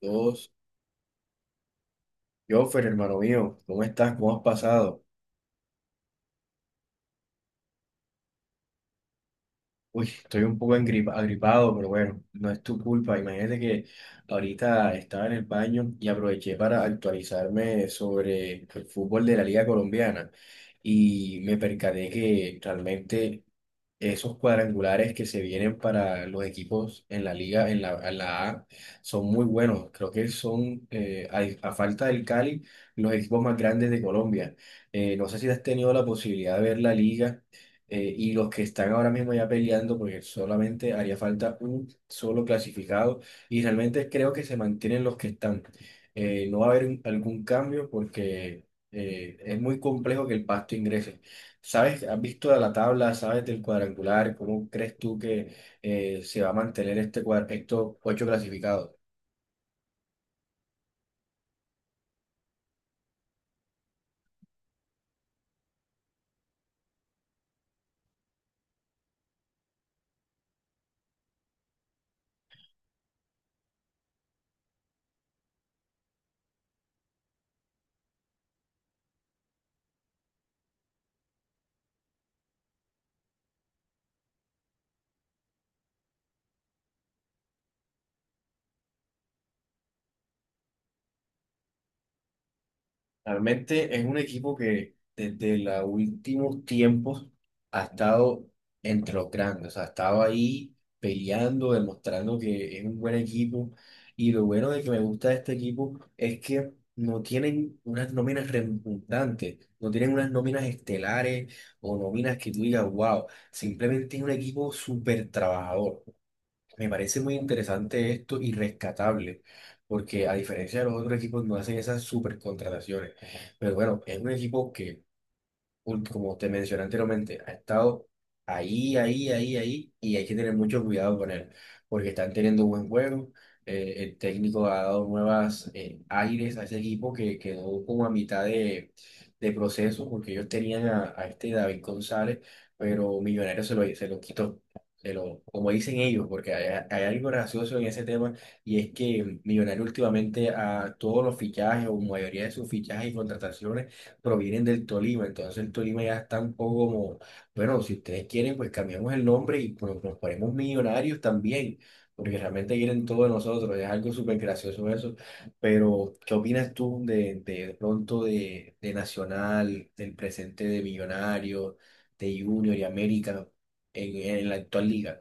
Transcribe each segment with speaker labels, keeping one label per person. Speaker 1: Todos, Joffer, hermano mío, ¿cómo estás? ¿Cómo has pasado? Uy, estoy un poco agripado, pero bueno, no es tu culpa. Imagínate que ahorita estaba en el baño y aproveché para actualizarme sobre el fútbol de la Liga Colombiana y me percaté que realmente esos cuadrangulares que se vienen para los equipos en la Liga, en la A, son muy buenos. Creo que son, a falta del Cali, los equipos más grandes de Colombia. No sé si has tenido la posibilidad de ver la Liga y los que están ahora mismo ya peleando, porque solamente haría falta un solo clasificado y realmente creo que se mantienen los que están. No va a haber algún cambio porque es muy complejo que el Pasto ingrese. ¿Sabes? ¿Has visto la tabla? ¿Sabes del cuadrangular? ¿Cómo crees tú que se va a mantener este cuadro, estos ocho clasificados? Realmente es un equipo que desde los últimos tiempos ha estado entre los grandes, o sea, ha estado ahí peleando, demostrando que es un buen equipo. Y lo bueno de que me gusta de este equipo es que no tienen unas nóminas redundantes, no tienen unas nóminas estelares o nóminas que tú digas, wow, simplemente es un equipo súper trabajador. Me parece muy interesante esto y rescatable, porque a diferencia de los otros equipos no hacen esas supercontrataciones. Pero bueno, es un equipo que como te mencioné anteriormente, ha estado ahí, ahí, ahí, ahí, y hay que tener mucho cuidado con él, porque están teniendo buen juego. El técnico ha dado nuevas aires a ese equipo que quedó como a mitad de proceso, porque ellos tenían a este David González, pero Millonarios se lo quitó. Como dicen ellos, porque hay algo gracioso en ese tema, y es que Millonarios últimamente a todos los fichajes o mayoría de sus fichajes y contrataciones provienen del Tolima, entonces el Tolima ya está un poco como, bueno, si ustedes quieren, pues cambiamos el nombre y pues, nos ponemos millonarios también, porque realmente quieren todo de nosotros, es algo súper gracioso eso, pero ¿qué opinas tú de pronto de Nacional, del presente de Millonarios, de Junior y América en la actual liga?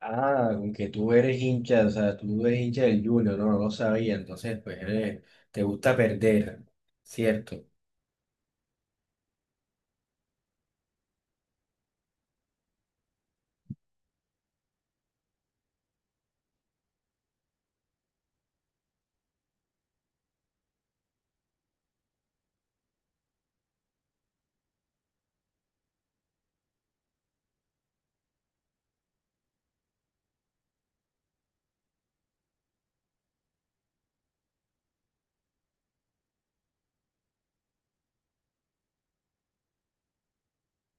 Speaker 1: Ah, aunque tú eres hincha, o sea, tú eres hincha del Junior, no lo sabía, entonces pues te gusta perder, ¿cierto?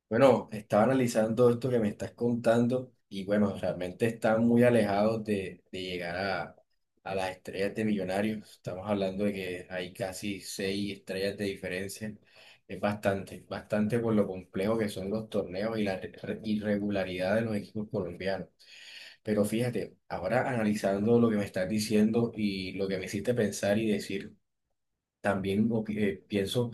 Speaker 1: Bueno, estaba analizando esto que me estás contando y bueno, realmente están muy alejados de llegar a las estrellas de millonarios. Estamos hablando de que hay casi seis estrellas de diferencia. Es bastante, bastante por lo complejo que son los torneos y la irregularidad de los equipos colombianos. Pero fíjate, ahora analizando lo que me estás diciendo y lo que me hiciste pensar y decir, también pienso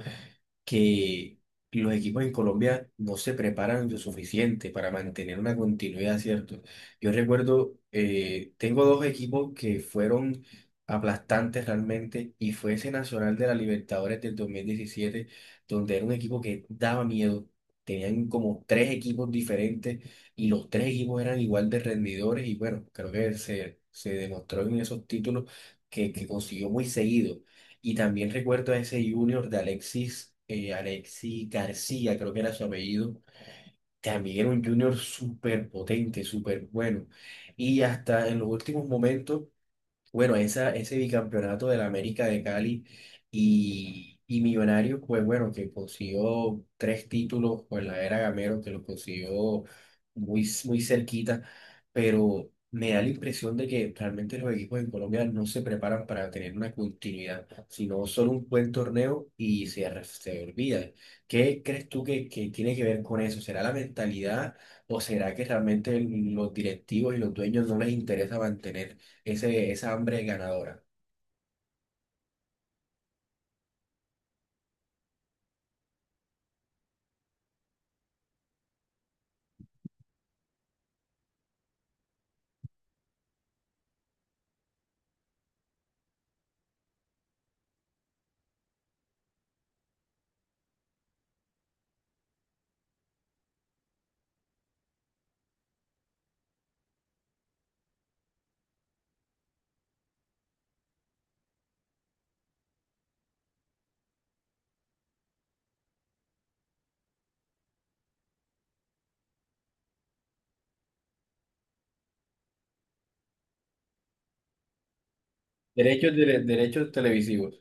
Speaker 1: que los equipos en Colombia no se preparan lo suficiente para mantener una continuidad, ¿cierto? Yo recuerdo, tengo dos equipos que fueron aplastantes realmente y fue ese Nacional de la Libertadores del 2017 donde era un equipo que daba miedo. Tenían como tres equipos diferentes y los tres equipos eran igual de rendidores y bueno, creo que se demostró en esos títulos que consiguió muy seguido. Y también recuerdo a ese junior de Alexis, Alexis García, creo que era su apellido. También era un junior súper potente, súper bueno. Y hasta en los últimos momentos bueno, ese bicampeonato de la América de Cali y Millonarios, pues bueno, que consiguió tres títulos con la era Gamero, que lo consiguió muy cerquita, pero me da la impresión de que realmente los equipos en Colombia no se preparan para tener una continuidad, sino solo un buen torneo y se olvida. ¿Qué crees tú que tiene que ver con eso? ¿Será la mentalidad o será que realmente los directivos y los dueños no les interesa mantener? Ese, esa hambre ganadora. Derechos, derechos televisivos.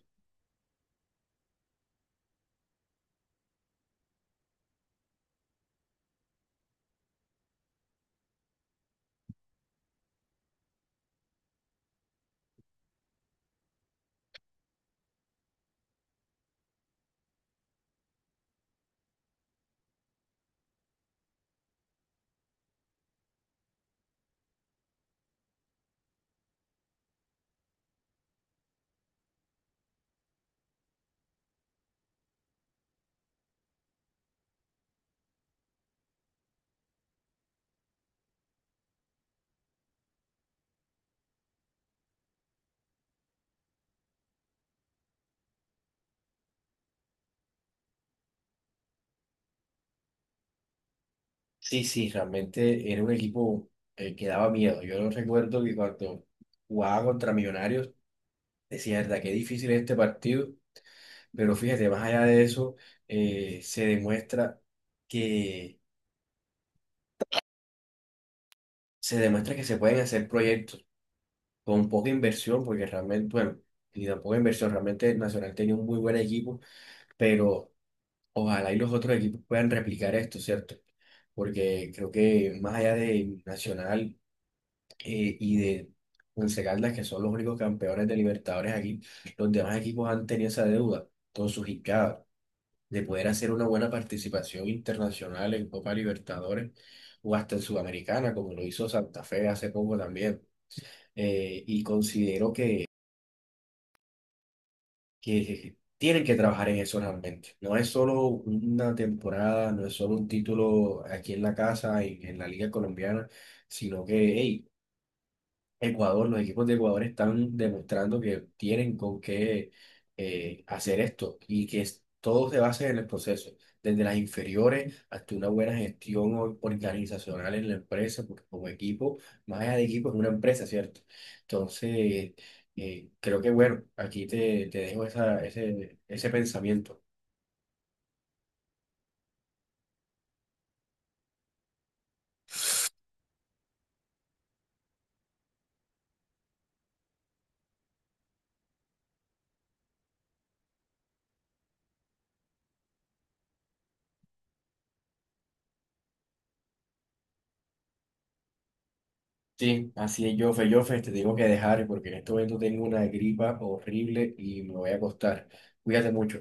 Speaker 1: Sí, sí, realmente era un equipo que daba miedo. Yo no recuerdo que cuando jugaba contra Millonarios, decía, verdad, qué difícil es este partido. Pero fíjate, más allá de eso, se demuestra que se demuestra que se pueden hacer proyectos con poca inversión, porque realmente, bueno, y tampoco inversión, realmente el Nacional tenía un muy buen equipo, pero ojalá y los otros equipos puedan replicar esto, ¿cierto? Porque creo que más allá de Nacional y de Once Caldas, que son los únicos campeones de Libertadores aquí, los demás equipos han tenido esa deuda con sus hincadas de poder hacer una buena participación internacional en Copa Libertadores o hasta en Sudamericana, como lo hizo Santa Fe hace poco también. Y considero que que, que- tienen que trabajar en eso realmente. No es solo una temporada, no es solo un título aquí en la casa, en la Liga Colombiana, sino que, hey, Ecuador, los equipos de Ecuador están demostrando que tienen con qué hacer esto y que todo se basa en el proceso, desde las inferiores hasta una buena gestión organizacional en la empresa, porque como equipo, más allá de equipo, es una empresa, ¿cierto? Entonces, creo que bueno, aquí te dejo ese pensamiento. Sí, así es, Jofe, Jofe, te tengo que dejar porque en este momento tengo una gripa horrible y me voy a acostar. Cuídate mucho.